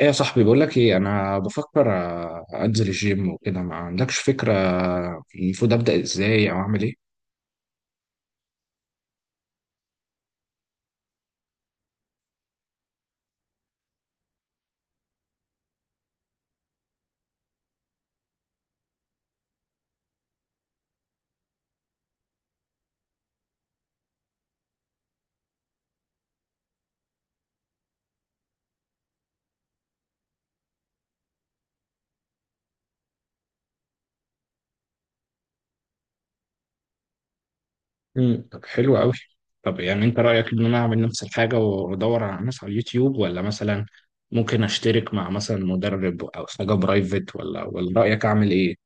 ايه يا صاحبي، بقول لك ايه، انا بفكر انزل الجيم وكده، ما عندكش فكره. المفروض ابدا ازاي او اعمل ايه؟ طب، حلو قوي. طب يعني انت رايك ان انا اعمل نفس الحاجه وادور على ناس على اليوتيوب، ولا مثلا ممكن اشترك مع مثلا مدرب او حاجه برايفت، ولا رايك اعمل ايه؟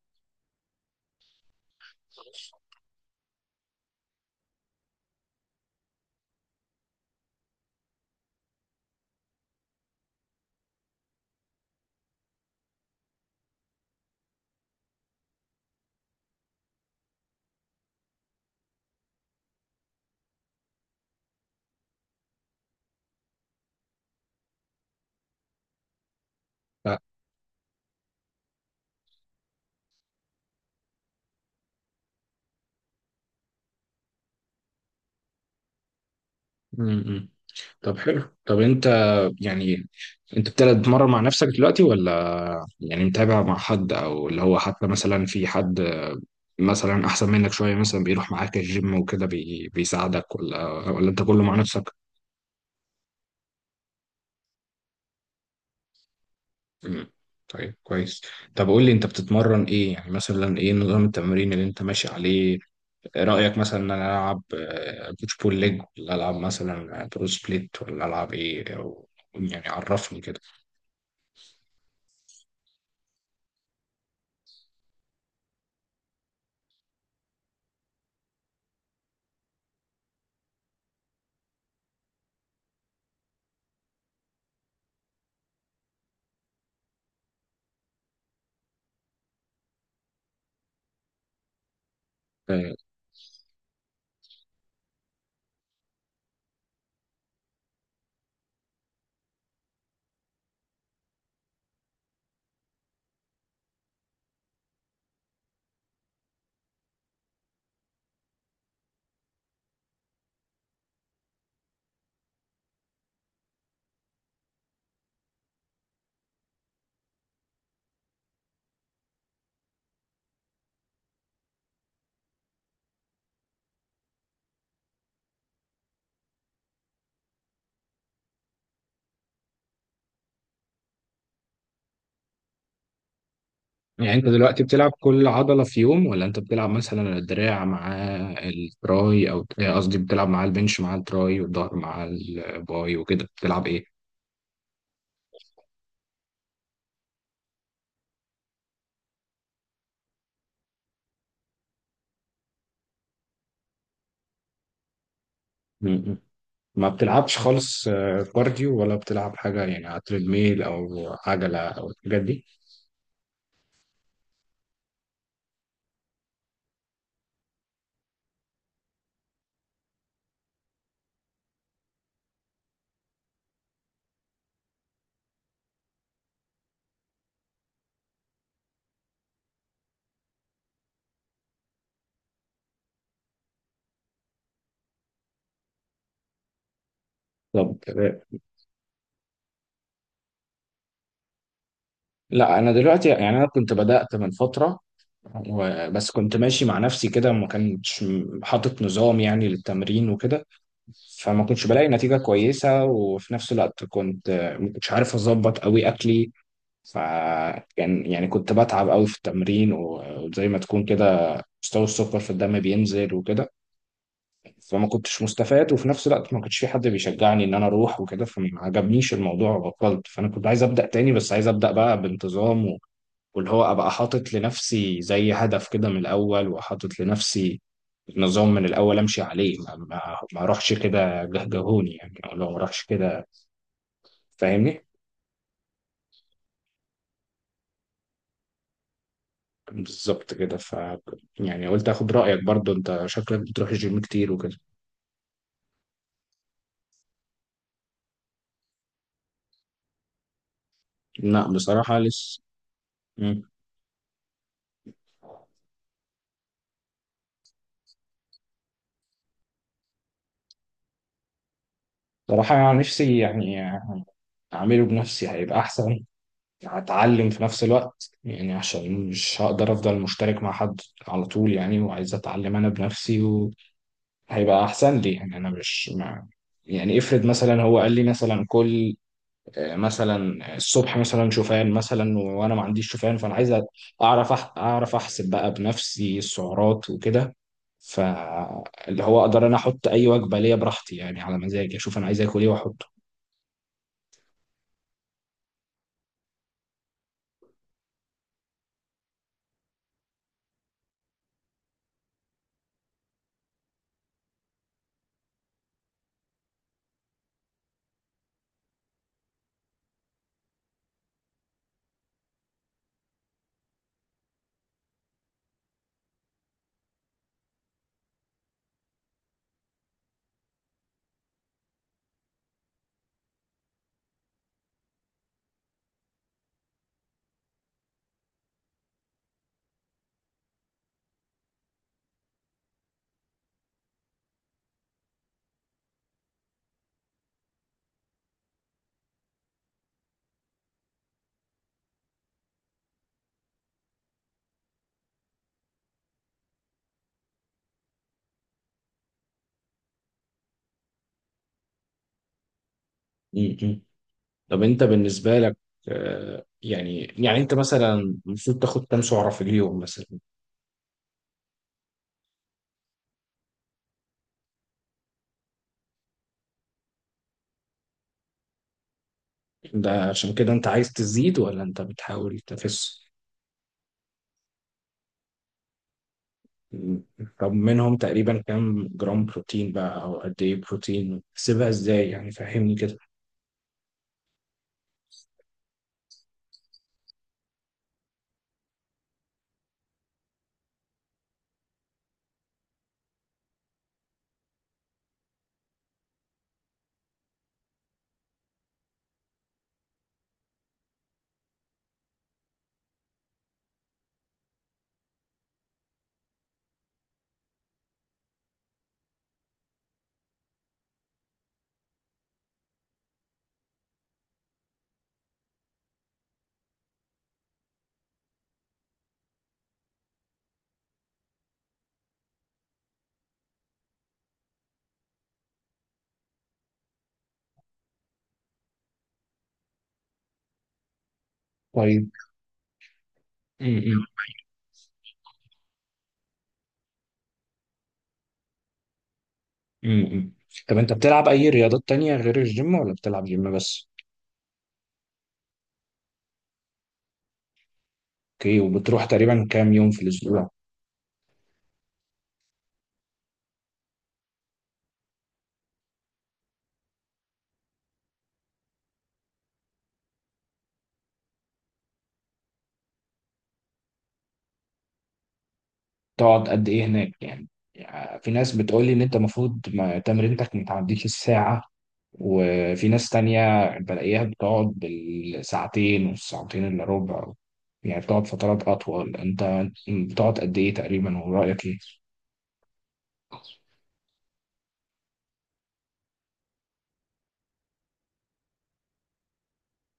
ف... امم طب حلو. طب انت، يعني انت بتلعب، تتمرن مع نفسك دلوقتي ولا يعني متابع مع حد، او اللي هو حتى مثلا في حد مثلا احسن منك شويه، مثلا بيروح معاك الجيم وكده، بيساعدك، ولا انت كله مع نفسك؟ مم. طيب، كويس. طب قول لي، انت بتتمرن ايه؟ يعني مثلا ايه نظام التمرين اللي انت ماشي عليه؟ رايك مثلا ان انا العب بوش بول ليج، ولا العب مثلا برو سبليت، ولا العب ايه، أو يعني عرفني كده. آه. يعني انت دلوقتي بتلعب كل عضله في يوم، ولا انت بتلعب مثلا الدراع مع التراي، او قصدي بتلعب مع البنش مع التراي، والظهر مع الباي، وكده بتلعب ايه؟ م. ما بتلعبش خالص كارديو، ولا بتلعب حاجة يعني على تريدميل أو عجلة أو الحاجات دي؟ طب لا، أنا دلوقتي يعني أنا كنت بدأت من فترة، بس كنت ماشي مع نفسي كده، ما كانش حاطط نظام يعني للتمرين وكده، فما كنتش بلاقي نتيجة كويسة. وفي نفس الوقت كنت ما كنتش عارف أظبط أوي أكلي. فكان يعني كنت بتعب أوي في التمرين، وزي ما تكون كده مستوى السكر في الدم بينزل وكده، فما كنتش مستفاد. وفي نفس الوقت ما كانش في حد بيشجعني ان انا اروح وكده، فما عجبنيش الموضوع وبطلت. فانا كنت عايز ابدا تاني، بس عايز ابدا بقى بانتظام، واللي هو ابقى حاطط لنفسي زي هدف كده من الاول، وحاطط لنفسي نظام من الاول امشي عليه. ما اروحش كده جهجهوني يعني، او لو ما اروحش كده، فاهمني؟ بالظبط كده. يعني قلت اخد رايك، برضو انت شكلك بتروح الجيم كتير وكده. لا، بصراحه لسه. مم. بصراحه يعني نفسي يعني اعمله بنفسي، هيبقى احسن. هتعلم في نفس الوقت، يعني عشان مش هقدر افضل مشترك مع حد على طول يعني، وعايز اتعلم انا بنفسي، وهيبقى احسن لي. يعني انا مش مع، يعني افرض مثلا هو قال لي مثلا كل مثلا الصبح مثلا شوفان، مثلا وانا ما عنديش شوفان، فانا عايز اعرف اعرف احسب بقى بنفسي السعرات وكده، فاللي هو اقدر انا احط اي وجبه ليا براحتي، يعني على مزاجي اشوف انا عايز اكل ايه واحطه. طب انت، بالنسبه لك، يعني انت مثلا المفروض تاخد كام سعره في اليوم مثلا؟ ده عشان كده انت عايز تزيد، ولا انت بتحاول تخس؟ طب منهم تقريبا كام جرام بروتين بقى، او قد ايه بروتين، تسيبها ازاي يعني؟ فهمني كده. طيب. م- م- م. طب انت بتلعب اي رياضات تانية غير الجيم، ولا بتلعب جيم بس؟ اوكي. وبتروح تقريبا كام يوم في الاسبوع؟ تقعد قد ايه هناك يعني؟ يعني في ناس بتقول لي ان انت المفروض تمرينتك ما تعديش الساعه، وفي ناس تانية بلاقيها بتقعد بالساعتين والساعتين إلا ربع، يعني بتقعد فترات أطول. أنت بتقعد قد إيه تقريبا، ورأيك إيه؟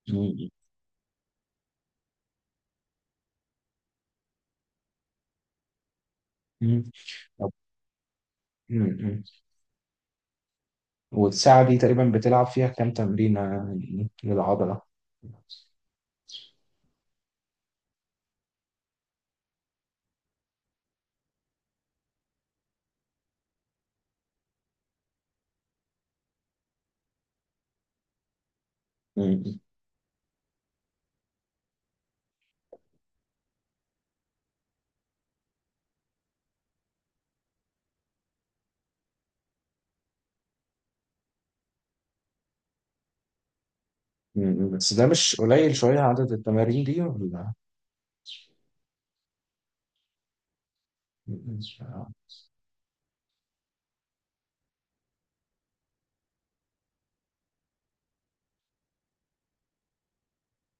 مم. مم. طب- مم. مم. والساعة دي تقريبا بتلعب فيها كام تمرينة للعضلة؟ مم. مم. بس ده مش قليل شوية عدد التمارين دي، ولا؟ مم.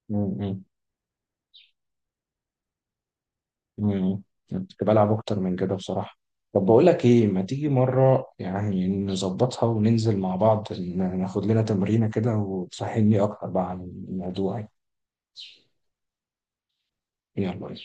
مم. مم. كنت بلعب اكتر من كده بصراحة. طب بقول لك ايه، ما تيجي مرة يعني نظبطها وننزل مع بعض، ناخد لنا تمرينة كده، وتفهمني اكتر بقى عن الموضوع يعني. يلا.